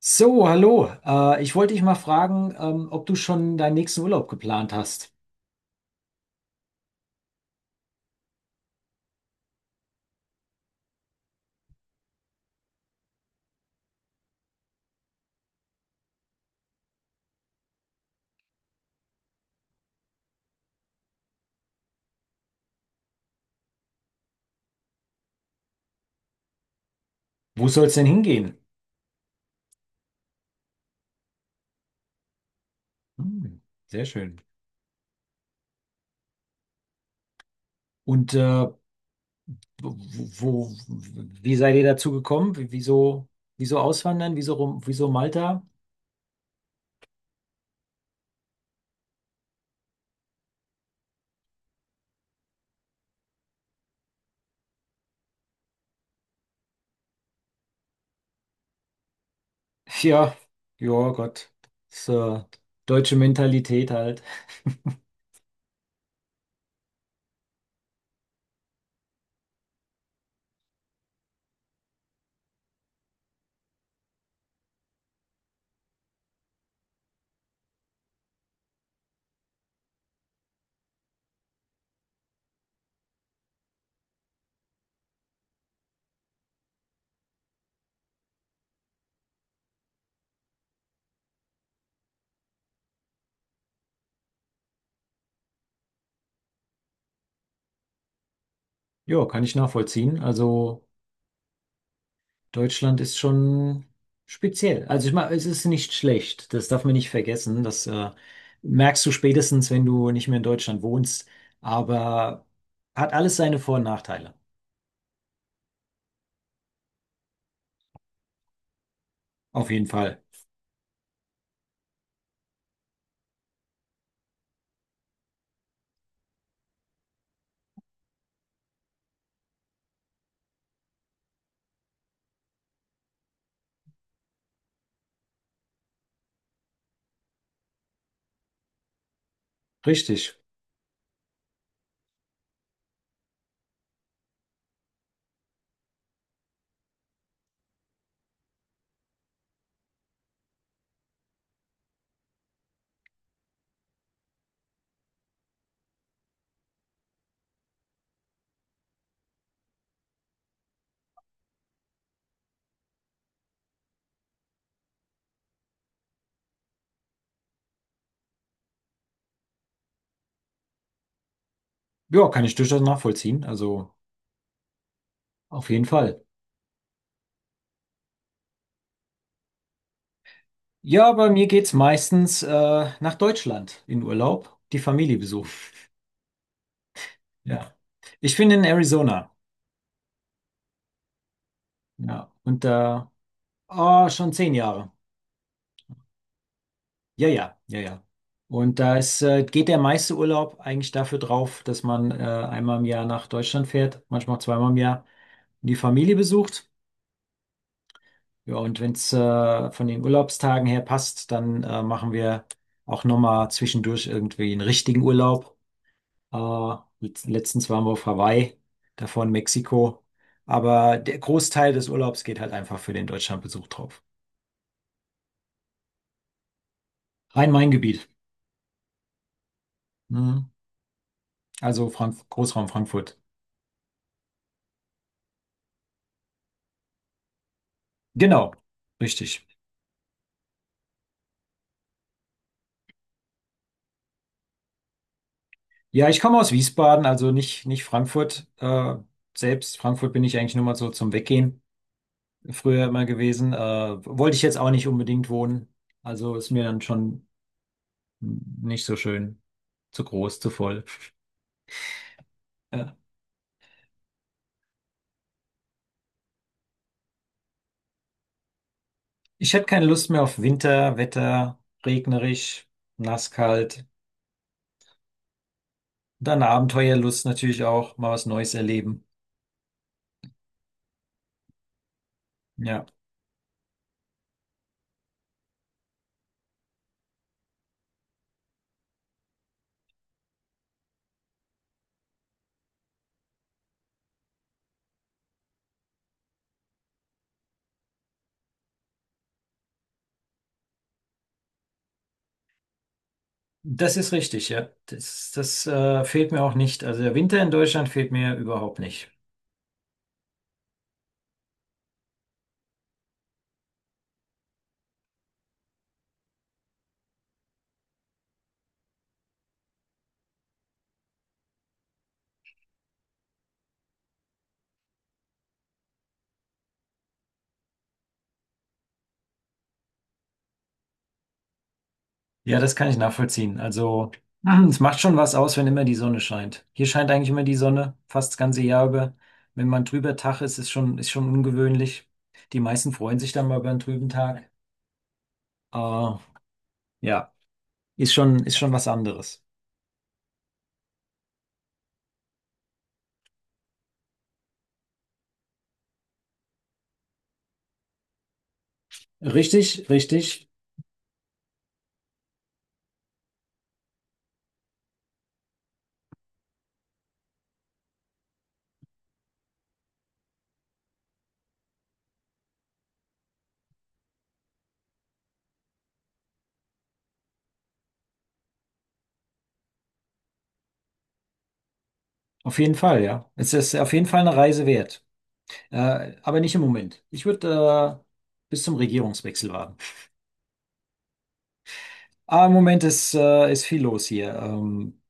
So, hallo. Ich wollte dich mal fragen, ob du schon deinen nächsten Urlaub geplant hast. Wo soll es denn hingehen? Hm, sehr schön. Und wo, wie seid ihr dazu gekommen? Wieso, wieso auswandern? Wieso Malta? Ja, ja, Gott. Das, äh, Deutsche Mentalität halt. Ja, kann ich nachvollziehen. Also, Deutschland ist schon speziell. Also ich meine, es ist nicht schlecht. Das darf man nicht vergessen. Das Merkst du spätestens, wenn du nicht mehr in Deutschland wohnst. Aber hat alles seine Vor- und Nachteile. Auf jeden Fall. Richtig. Ja, kann ich durchaus nachvollziehen. Also auf jeden Fall. Ja, bei mir geht's meistens nach Deutschland in Urlaub, die Familie besuchen. Ja. Ich bin in Arizona. Ja. Oh, schon 10 Jahre. Ja, ja, ja, ja. Und da geht der meiste Urlaub eigentlich dafür drauf, dass man einmal im Jahr nach Deutschland fährt, manchmal auch zweimal im Jahr, und die Familie besucht. Ja, und wenn es von den Urlaubstagen her passt, dann machen wir auch nochmal zwischendurch irgendwie einen richtigen Urlaub. Letztens waren wir auf Hawaii, davor in Mexiko. Aber der Großteil des Urlaubs geht halt einfach für den Deutschlandbesuch drauf. Rhein-Main-Gebiet. Mhm. Also Frank Großraum Frankfurt. Genau, richtig. Ja, ich komme aus Wiesbaden, also nicht Frankfurt. Selbst Frankfurt bin ich eigentlich nur mal so zum Weggehen früher immer gewesen. Wollte ich jetzt auch nicht unbedingt wohnen. Also ist mir dann schon, nicht so schön, zu groß, zu voll. Ja. Ich hätte keine Lust mehr auf Winter, Wetter, regnerisch, nass, kalt. Dann Abenteuerlust natürlich auch, mal was Neues erleben. Ja, das ist richtig, ja. Das, das Fehlt mir auch nicht. Also der Winter in Deutschland fehlt mir überhaupt nicht. Ja, das kann ich nachvollziehen. Also, es macht schon was aus, wenn immer die Sonne scheint. Hier scheint eigentlich immer die Sonne, fast das ganze Jahr über. Wenn man trüber Tag ist, ist schon ungewöhnlich. Die meisten freuen sich dann mal über einen trüben Tag. Aber ja, ist schon was anderes. Richtig, richtig. Auf jeden Fall, ja. Es ist auf jeden Fall eine Reise wert. Aber nicht im Moment. Ich würde bis zum Regierungswechsel warten. Aber im Moment ist viel los hier.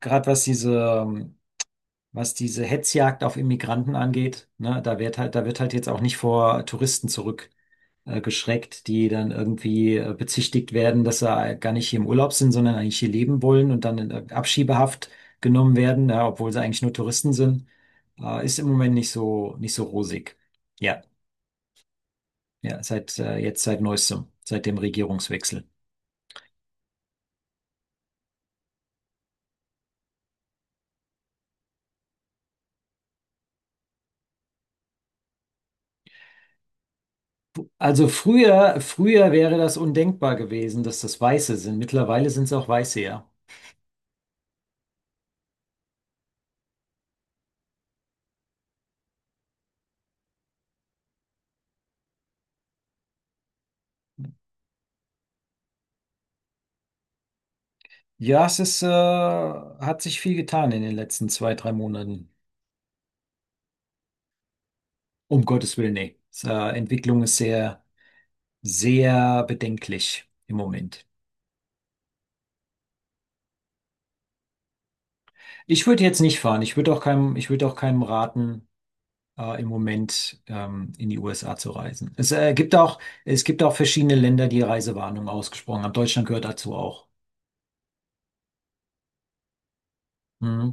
Gerade was diese Hetzjagd auf Immigranten angeht, ne, da wird halt jetzt auch nicht vor Touristen zurück geschreckt, die dann irgendwie bezichtigt werden, dass sie gar nicht hier im Urlaub sind, sondern eigentlich hier leben wollen und dann in Abschiebehaft genommen werden, ja, obwohl sie eigentlich nur Touristen sind, ist im Moment nicht so rosig. Ja, ja, seit neuestem, seit dem Regierungswechsel. Also früher wäre das undenkbar gewesen, dass das Weiße sind. Mittlerweile sind es auch Weiße, ja. Ja, hat sich viel getan in den letzten zwei, drei Monaten. Um Gottes Willen, nee. Entwicklung ist sehr bedenklich im Moment. Ich würde jetzt nicht fahren. Ich würde auch keinem raten, im Moment in die USA zu reisen. Es gibt auch verschiedene Länder, die Reisewarnungen ausgesprochen haben. Deutschland gehört dazu auch. Mhm.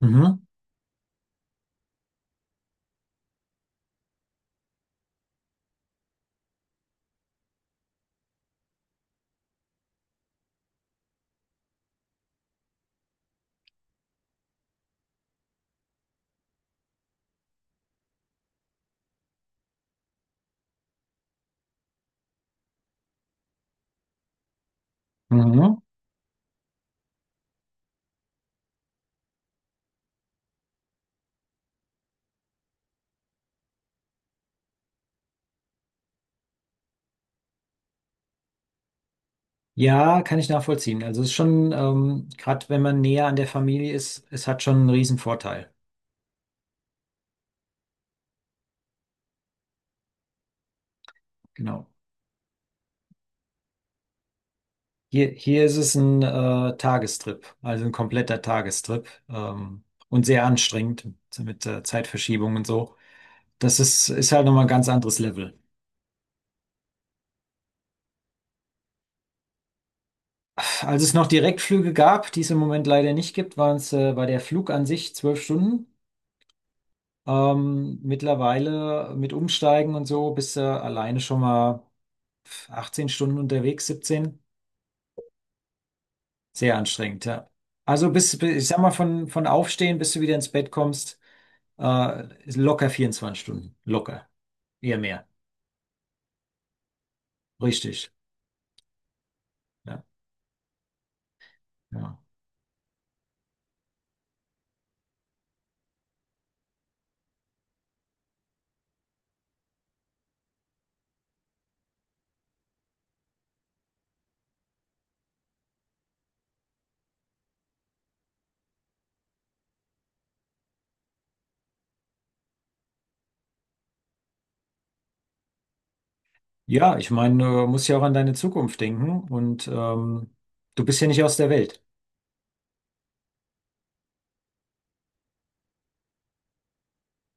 Mhm. Mhm. Ja, kann ich nachvollziehen. Also es ist schon, gerade wenn man näher an der Familie ist, es hat schon einen riesen Vorteil. Genau. Hier ist es ein Tagestrip, also ein kompletter Tagestrip und sehr anstrengend mit Zeitverschiebung und so. Ist halt nochmal ein ganz anderes Level. Als es noch Direktflüge gab, die es im Moment leider nicht gibt, war der Flug an sich 12 Stunden. Mittlerweile mit Umsteigen und so bist du alleine schon mal 18 Stunden unterwegs, 17. Sehr anstrengend, ja. Also bis ich sag mal, von Aufstehen, bis du wieder ins Bett kommst. Ist locker 24 Stunden. Locker. Eher mehr. Richtig. Ja, ja. Ja, ich meine, du musst ja auch an deine Zukunft denken und du bist ja nicht aus der Welt.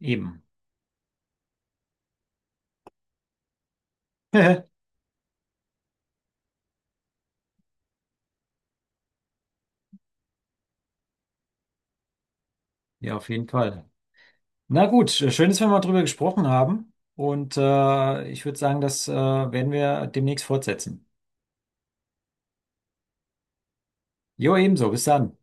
Eben. Ja, auf jeden Fall. Na gut, schön, dass wir mal drüber gesprochen haben. Und ich würde sagen, das werden wir demnächst fortsetzen. Jo, ebenso. Bis dann.